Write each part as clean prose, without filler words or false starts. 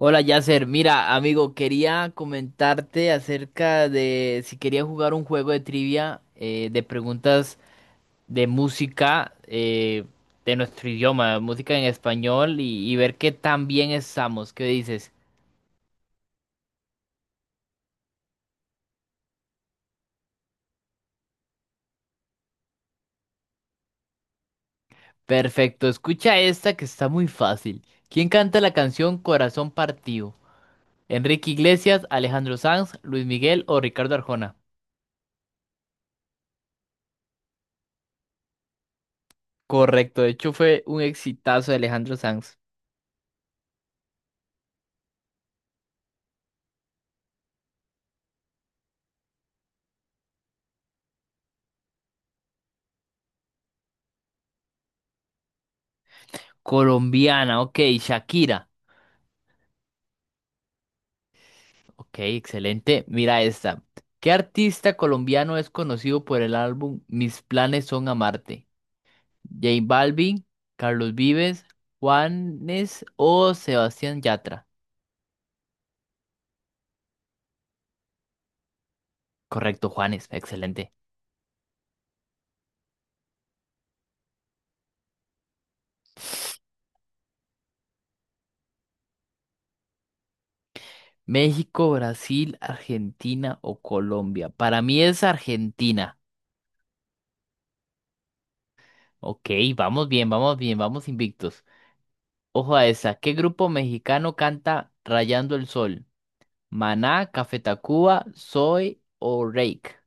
Hola Yasser, mira amigo, quería comentarte acerca de si quería jugar un juego de trivia de preguntas de música de nuestro idioma, música en español y ver qué tan bien estamos. ¿Qué dices? Perfecto, escucha esta que está muy fácil. ¿Quién canta la canción Corazón Partido? ¿Enrique Iglesias, Alejandro Sanz, Luis Miguel o Ricardo Arjona? Correcto, de hecho fue un exitazo de Alejandro Sanz. Colombiana, ok, Shakira. Ok, excelente. Mira esta. ¿Qué artista colombiano es conocido por el álbum Mis planes son amarte? ¿J Balvin, Carlos Vives, Juanes o Sebastián Yatra? Correcto, Juanes, excelente. México, Brasil, Argentina o Colombia. Para mí es Argentina. Ok, vamos bien, vamos bien, vamos invictos. Ojo a esa. ¿Qué grupo mexicano canta Rayando el Sol? ¿Maná, Café Tacuba, Soy o Reik?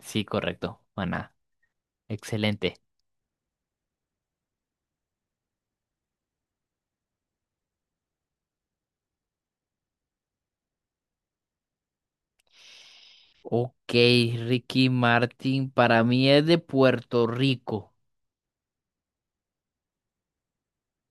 Sí, correcto. Buena. Excelente. Ok, Ricky Martin, para mí es de Puerto Rico.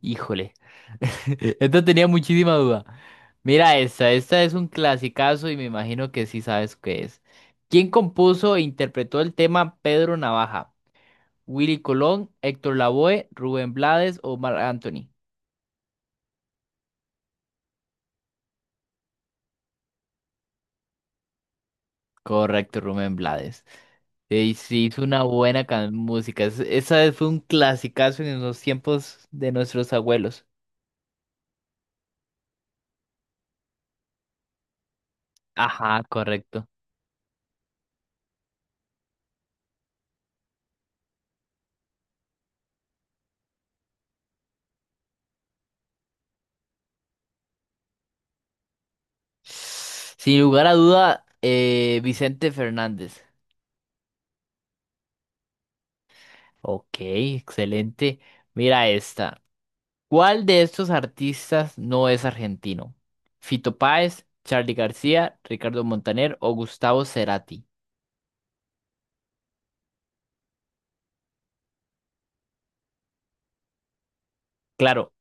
Híjole. Esto tenía muchísima duda. Mira esta, esta es un clasicazo y me imagino que sí sabes qué es. ¿Quién compuso e interpretó el tema Pedro Navaja? ¿Willy Colón, Héctor Lavoe, Rubén Blades o Marc Anthony? Correcto, Rubén Blades. Y sí, hizo una buena música. Esa vez fue un clasicazo en los tiempos de nuestros abuelos. Ajá, correcto. Sin lugar a duda, Vicente Fernández. Ok, excelente. Mira esta. ¿Cuál de estos artistas no es argentino? ¿Fito Páez, Charly García, Ricardo Montaner o Gustavo Cerati? Claro,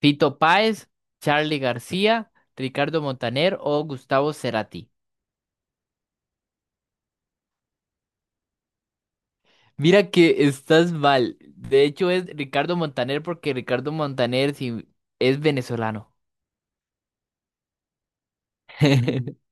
Fito Páez, Charly García, Ricardo Montaner o Gustavo Cerati. Mira que estás mal. De hecho es Ricardo Montaner porque Ricardo Montaner sí, es venezolano.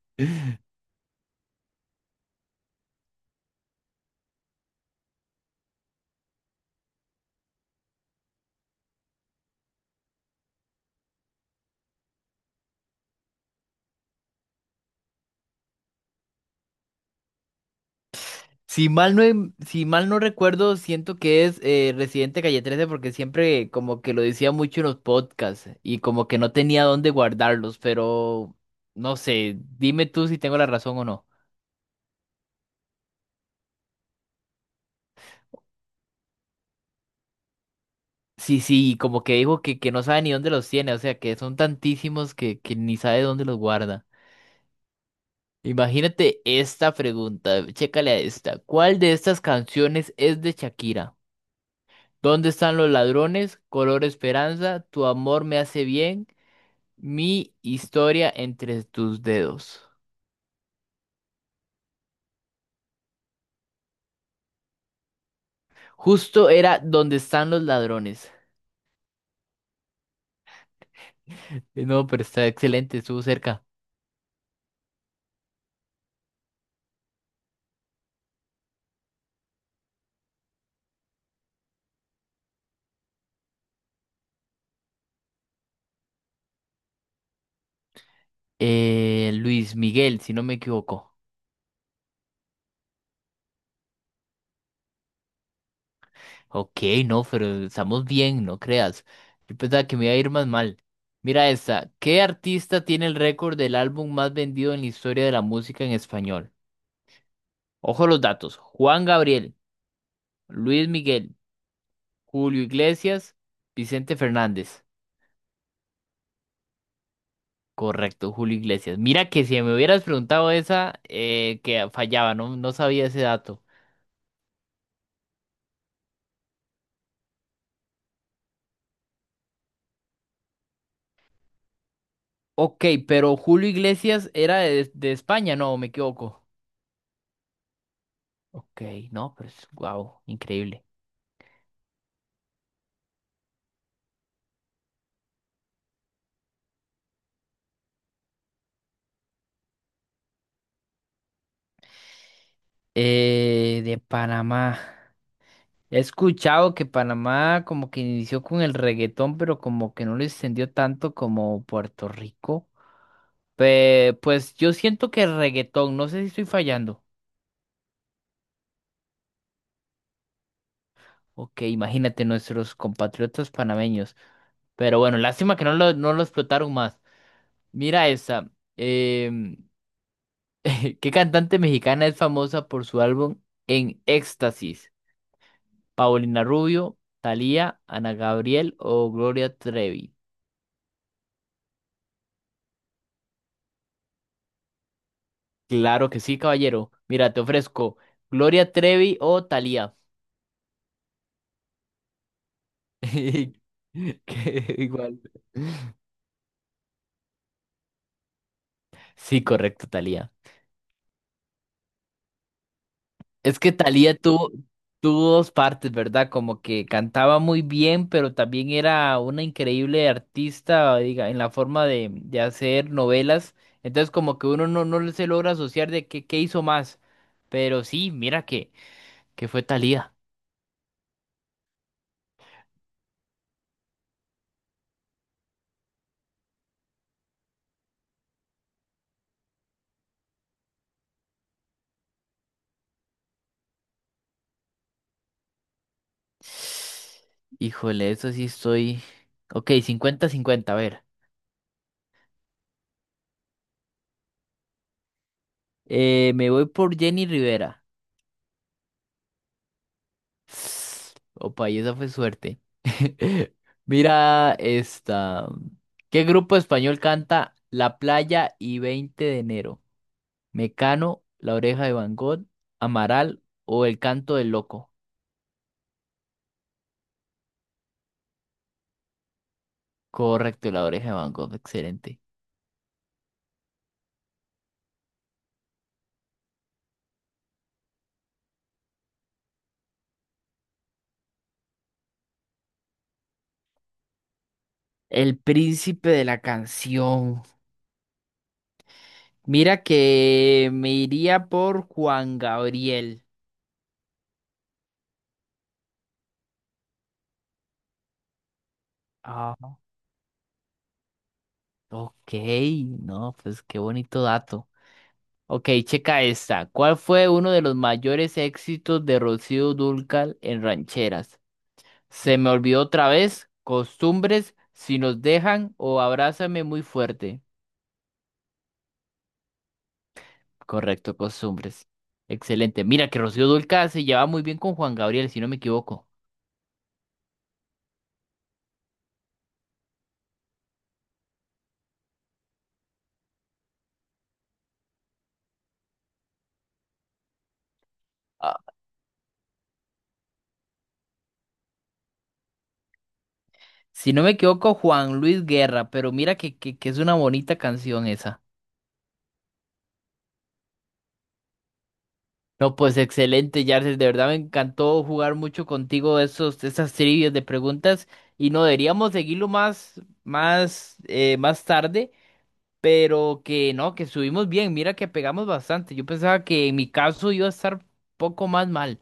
Si mal no, si mal no recuerdo, siento que es Residente Calle 13 porque siempre como que lo decía mucho en los podcasts y como que no tenía dónde guardarlos, pero no sé, dime tú si tengo la razón o no. Sí, sí, como que dijo que no sabe ni dónde los tiene, o sea que son tantísimos que ni sabe dónde los guarda. Imagínate esta pregunta, chécale a esta. ¿Cuál de estas canciones es de Shakira? ¿Dónde están los ladrones? Color Esperanza, Tu amor me hace bien, Mi historia entre tus dedos. Justo era ¿Dónde están los ladrones? No, pero está excelente, estuvo cerca. Luis Miguel, si no me equivoco. Ok, no, pero estamos bien, no creas. Yo pensaba que me iba a ir más mal. Mira esta. ¿Qué artista tiene el récord del álbum más vendido en la historia de la música en español? Ojo los datos. Juan Gabriel, Luis Miguel, Julio Iglesias, Vicente Fernández. Correcto, Julio Iglesias. Mira que si me hubieras preguntado esa, que fallaba, no, no sabía ese dato. Ok, pero Julio Iglesias era de España, no, me equivoco. Ok, no, pero es guau, increíble. De Panamá. He escuchado que Panamá como que inició con el reggaetón, pero como que no lo extendió tanto como Puerto Rico. Pues yo siento que el reggaetón, no sé si estoy fallando. Ok, imagínate nuestros compatriotas panameños. Pero bueno, lástima que no lo explotaron más. Mira esa. em, ¿Qué cantante mexicana es famosa por su álbum En Éxtasis? ¿Paulina Rubio, Thalía, Ana Gabriel o Gloria Trevi? Claro que sí, caballero. Mira, te ofrezco Gloria Trevi o Thalía. Que Igual. Sí, correcto, Thalía. Es que Thalía tuvo dos partes, ¿verdad? Como que cantaba muy bien, pero también era una increíble artista, diga, en la forma de hacer novelas. Entonces, como que uno no se logra asociar de qué hizo más. Pero sí, mira que fue Thalía. Híjole, eso sí estoy. Ok, cincuenta-cincuenta. A ver. Me voy por Jenny Rivera. Opa, y esa fue suerte. Mira esta. ¿Qué grupo español canta La Playa y 20 de enero? ¿Mecano, La Oreja de Van Gogh, Amaral o El Canto del Loco? Correcto, La Oreja de Van Gogh, excelente. El príncipe de la canción. Mira que me iría por Juan Gabriel. Ah, ok, no, pues qué bonito dato. Ok, checa esta. ¿Cuál fue uno de los mayores éxitos de Rocío Dúrcal en rancheras? Se me olvidó otra vez. Costumbres, si nos dejan o abrázame muy fuerte. Correcto, costumbres. Excelente. Mira que Rocío Dúrcal se lleva muy bien con Juan Gabriel, si no me equivoco. Ah, si no me equivoco, Juan Luis Guerra, pero mira que, que es una bonita canción esa. No, pues excelente, Yardes. De verdad me encantó jugar mucho contigo esos, esas trivias de preguntas. Y no deberíamos seguirlo más, más tarde. Pero que no, que subimos bien. Mira que pegamos bastante. Yo pensaba que en mi caso iba a estar poco más mal.